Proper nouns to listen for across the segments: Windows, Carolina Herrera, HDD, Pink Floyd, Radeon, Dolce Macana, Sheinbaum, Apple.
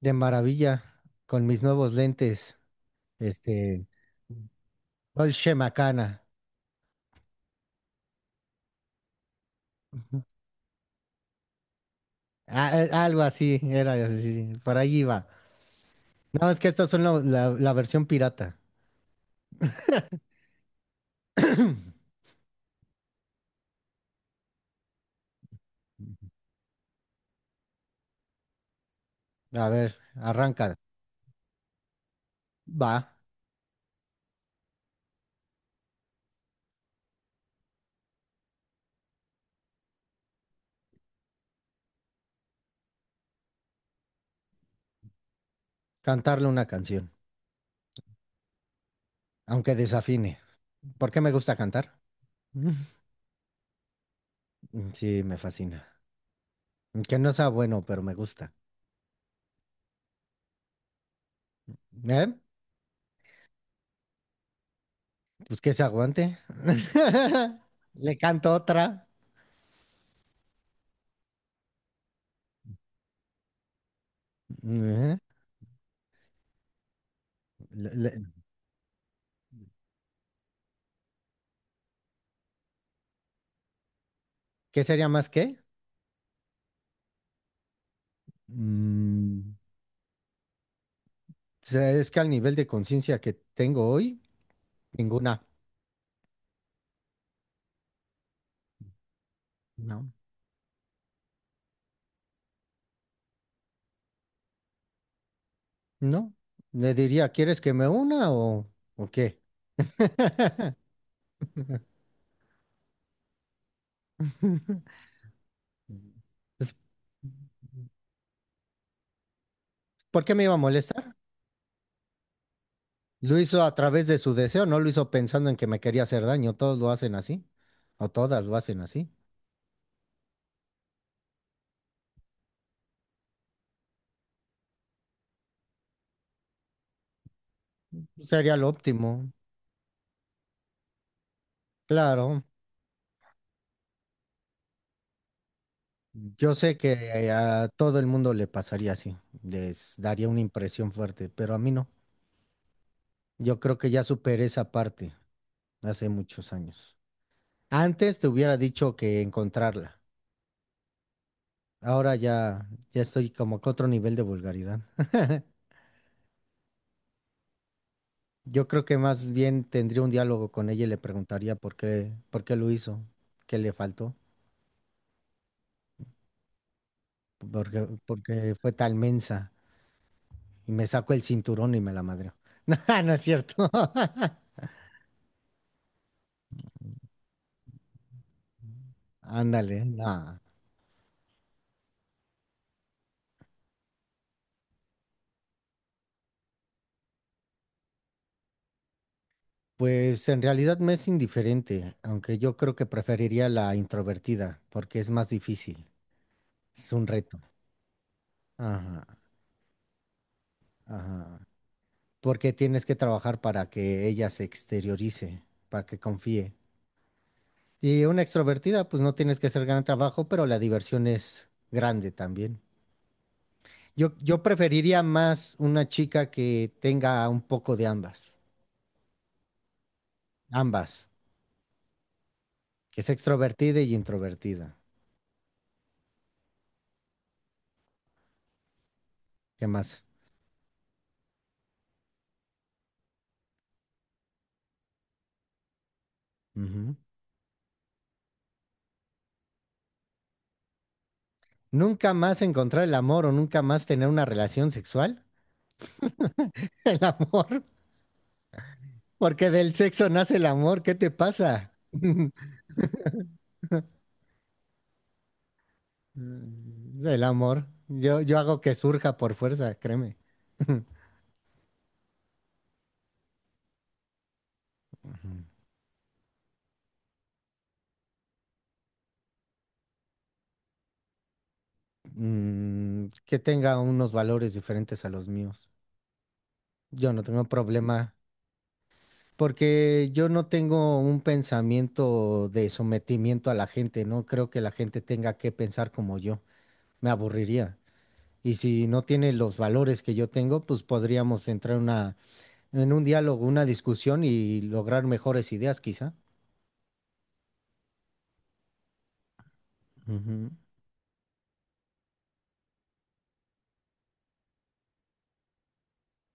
De maravilla con mis nuevos lentes, este, Dolce Macana. Ujú. Algo así era, sí, sí, por ahí iba. No, es que estas son la versión pirata. A ver, arranca. Va, cantarle una canción, aunque desafine. ¿Por qué me gusta cantar? Sí, me fascina. Que no sea bueno, pero me gusta. ¿Eh? Pues que se aguante. Le canto otra. Ujú. Le- le- ¿Qué sería más qué? Mm, o sea, es que al nivel de conciencia que tengo hoy, ninguna. No, no. Le diría, ¿quieres que me una o qué? Es- ¿Por qué me iba a molestar? Lo hizo a través de su deseo, no lo hizo pensando en que me quería hacer daño. Todos lo hacen así, o todas lo hacen así. Sería lo óptimo. Claro, yo sé que a todo el mundo le pasaría así, les daría una impresión fuerte, pero a mí no. Yo creo que ya superé esa parte hace muchos años. Antes te hubiera dicho que encontrarla. Ahora ya, ya estoy como que otro nivel de vulgaridad. Yo creo que más bien tendría un diálogo con ella y le preguntaría por qué lo hizo, qué le faltó, porque fue tan mensa. Y me saco el cinturón y me la madreo. No, no es cierto. Ándale, no. Pues en realidad me es indiferente, aunque yo creo que preferiría la introvertida, porque es más difícil. Es un reto. Ajá, ajá. Porque tienes que trabajar para que ella se exteriorice, para que confíe. Y una extrovertida, pues no tienes que hacer gran trabajo, pero la diversión es grande también. Yo preferiría más una chica que tenga un poco de ambas. Ambas. Que es extrovertida y introvertida. ¿Qué más? Ujú. Nunca más encontrar el amor o nunca más tener una relación sexual. El amor. Porque del sexo nace el amor. ¿Qué te pasa? El amor. Yo hago que surja por fuerza, créeme. Que tenga unos valores diferentes a los míos. Yo no tengo problema porque yo no tengo un pensamiento de sometimiento a la gente. No creo que la gente tenga que pensar como yo. Me aburriría. Y si no tiene los valores que yo tengo, pues podríamos entrar en una, en un diálogo, una discusión y lograr mejores ideas, quizá. Ujú.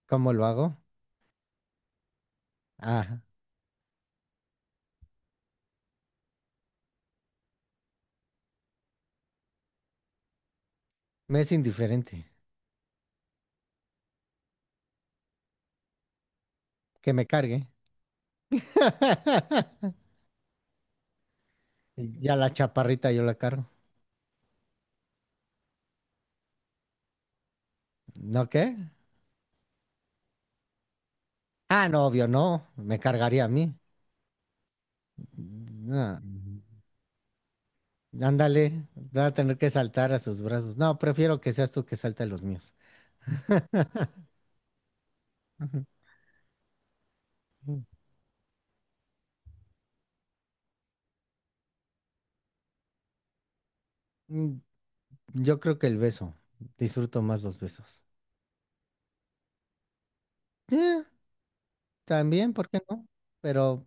¿Cómo lo hago? Ah, me es indiferente. Que me cargue. Ya la chaparrita yo la cargo. ¿No qué? Ah, no, obvio, no. Me cargaría a mí. No, ándale, va a tener que saltar a sus brazos. No, prefiero que seas tú que salte a los míos. Ujú. Mm, Yo creo que el beso. Disfruto más los besos. Eh, también, ¿por qué no? Pero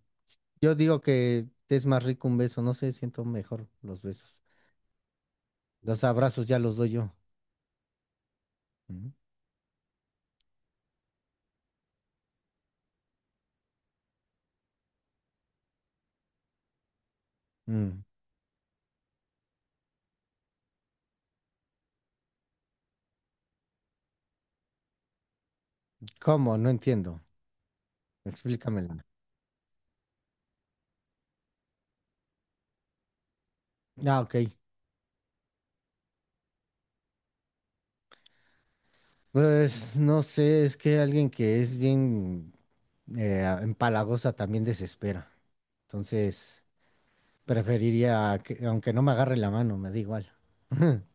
yo digo que es más rico un beso. No sé, siento mejor los besos. Los abrazos ya los doy yo. Mm, mm, ¿Cómo? No entiendo. Explícamela. Ah, ok. Pues no sé, es que alguien que es bien empalagosa también desespera. Entonces, preferiría que, aunque no me agarre la mano, me da igual.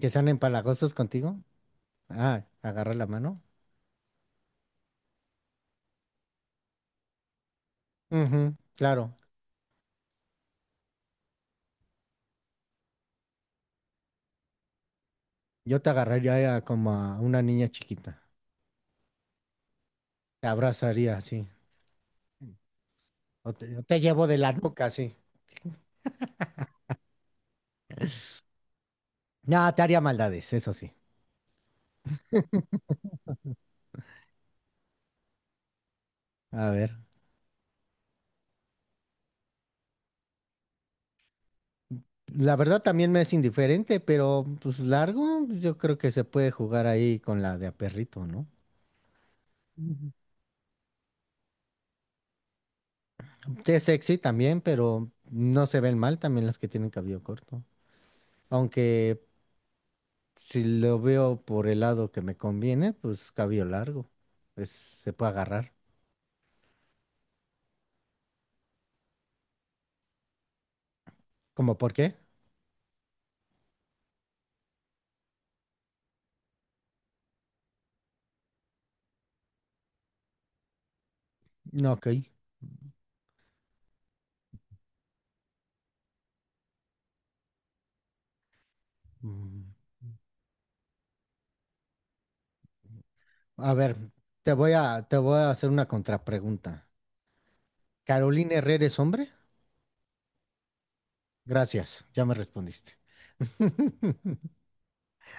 ¿Que sean empalagosos contigo? Ah, agarra la mano. Ujú, claro. Yo te agarraría como a una niña chiquita. Te abrazaría así. O te llevo de la nuca sí. No, te haría maldades, eso sí. A ver. La verdad también me es indiferente, pero pues largo, pues, yo creo que se puede jugar ahí con la de a perrito, ¿no? Ujú. Que es sexy también, pero no se ven mal también las que tienen cabello corto. Aunque si lo veo por el lado que me conviene, pues cabello largo. Pues se puede agarrar. ¿Cómo por qué? No, ok. Mm, A ver, te voy a hacer una contrapregunta. ¿Carolina Herrera es hombre? Gracias, ya me respondiste.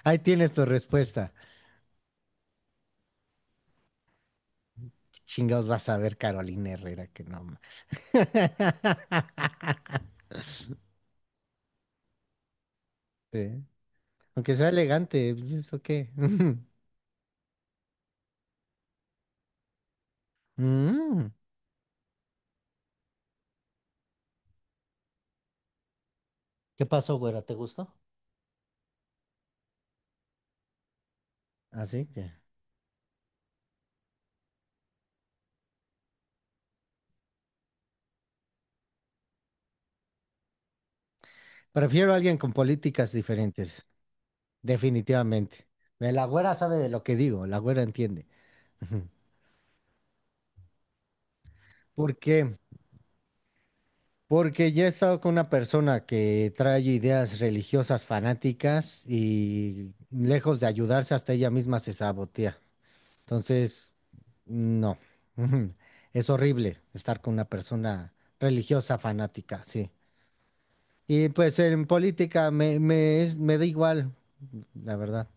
Ahí tienes tu respuesta. ¿Qué chingados vas a ver Carolina Herrera? Que no. Ma- Sí. Aunque sea elegante, pues eso qué. Mm, ¿Qué pasó, güera? ¿Te gustó? Así que. Prefiero a alguien con políticas diferentes, definitivamente. La güera sabe de lo que digo, la güera entiende. Ujú. ¿Por qué? Porque ya he estado con una persona que trae ideas religiosas fanáticas y lejos de ayudarse, hasta ella misma se sabotea. Entonces, no. Es horrible estar con una persona religiosa fanática, sí. Y pues en política me da igual, la verdad.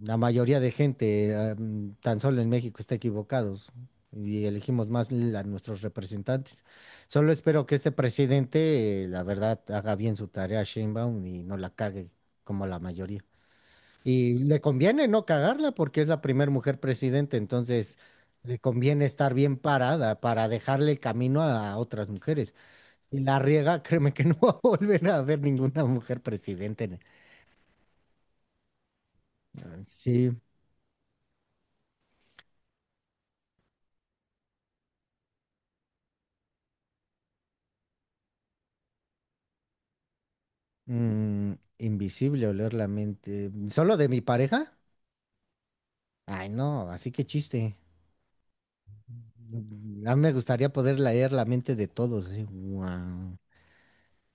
La mayoría de gente, tan solo en México, está equivocados y elegimos más l- a nuestros representantes. Solo espero que este presidente, la verdad, haga bien su tarea, Sheinbaum, y no la cague como la mayoría. Y le conviene no cagarla porque es la primera mujer presidente, entonces le conviene estar bien parada para dejarle el camino a otras mujeres. Si la riega, créeme que no va a volver a ver ninguna mujer presidente. Sí, mm, invisible oler la mente. ¿Solo de mi pareja? Ay, no, así que chiste. A mí me gustaría poder leer la mente de todos, así, guau,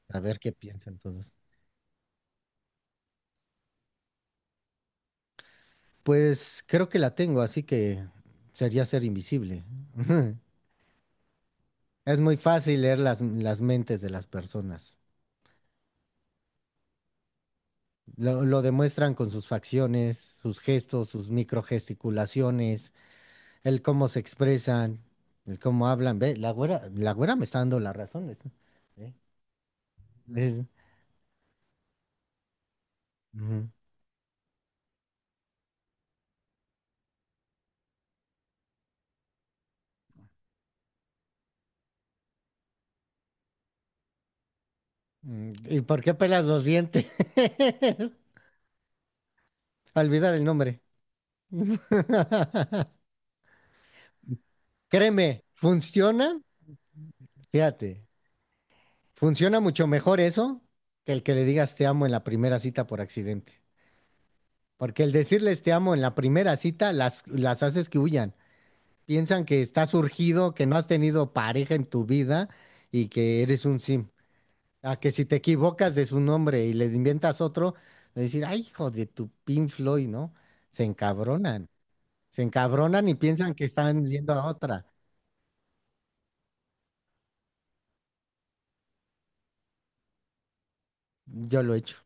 a ver qué piensan todos. Pues creo que la tengo, así que sería ser invisible. Es muy fácil leer las mentes de las personas. Lo demuestran con sus facciones, sus gestos, sus microgesticulaciones, el cómo se expresan, el cómo hablan. Ve, la güera me está dando las razones. ¿Eh? Es- ujú. ¿Y por qué pelas los dientes? Olvidar el nombre. Créeme, funciona. Fíjate. Funciona mucho mejor eso que el que le digas te amo en la primera cita por accidente. Porque el decirles te amo en la primera cita las haces que huyan. Piensan que estás surgido, que no has tenido pareja en tu vida y que eres un sim. A que si te equivocas de su nombre y le inventas otro, de decir, ay, hijo de tu Pink Floyd, ¿no? Se encabronan. Se encabronan y piensan que están viendo a otra. Yo lo he hecho.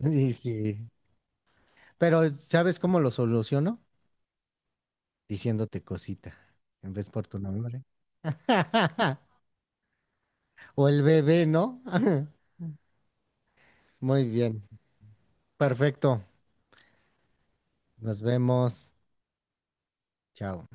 Y sí. Pero ¿sabes cómo lo soluciono? Diciéndote cosita, en vez por tu nombre. O el bebé, ¿no? Muy bien, perfecto. Nos vemos. Chao.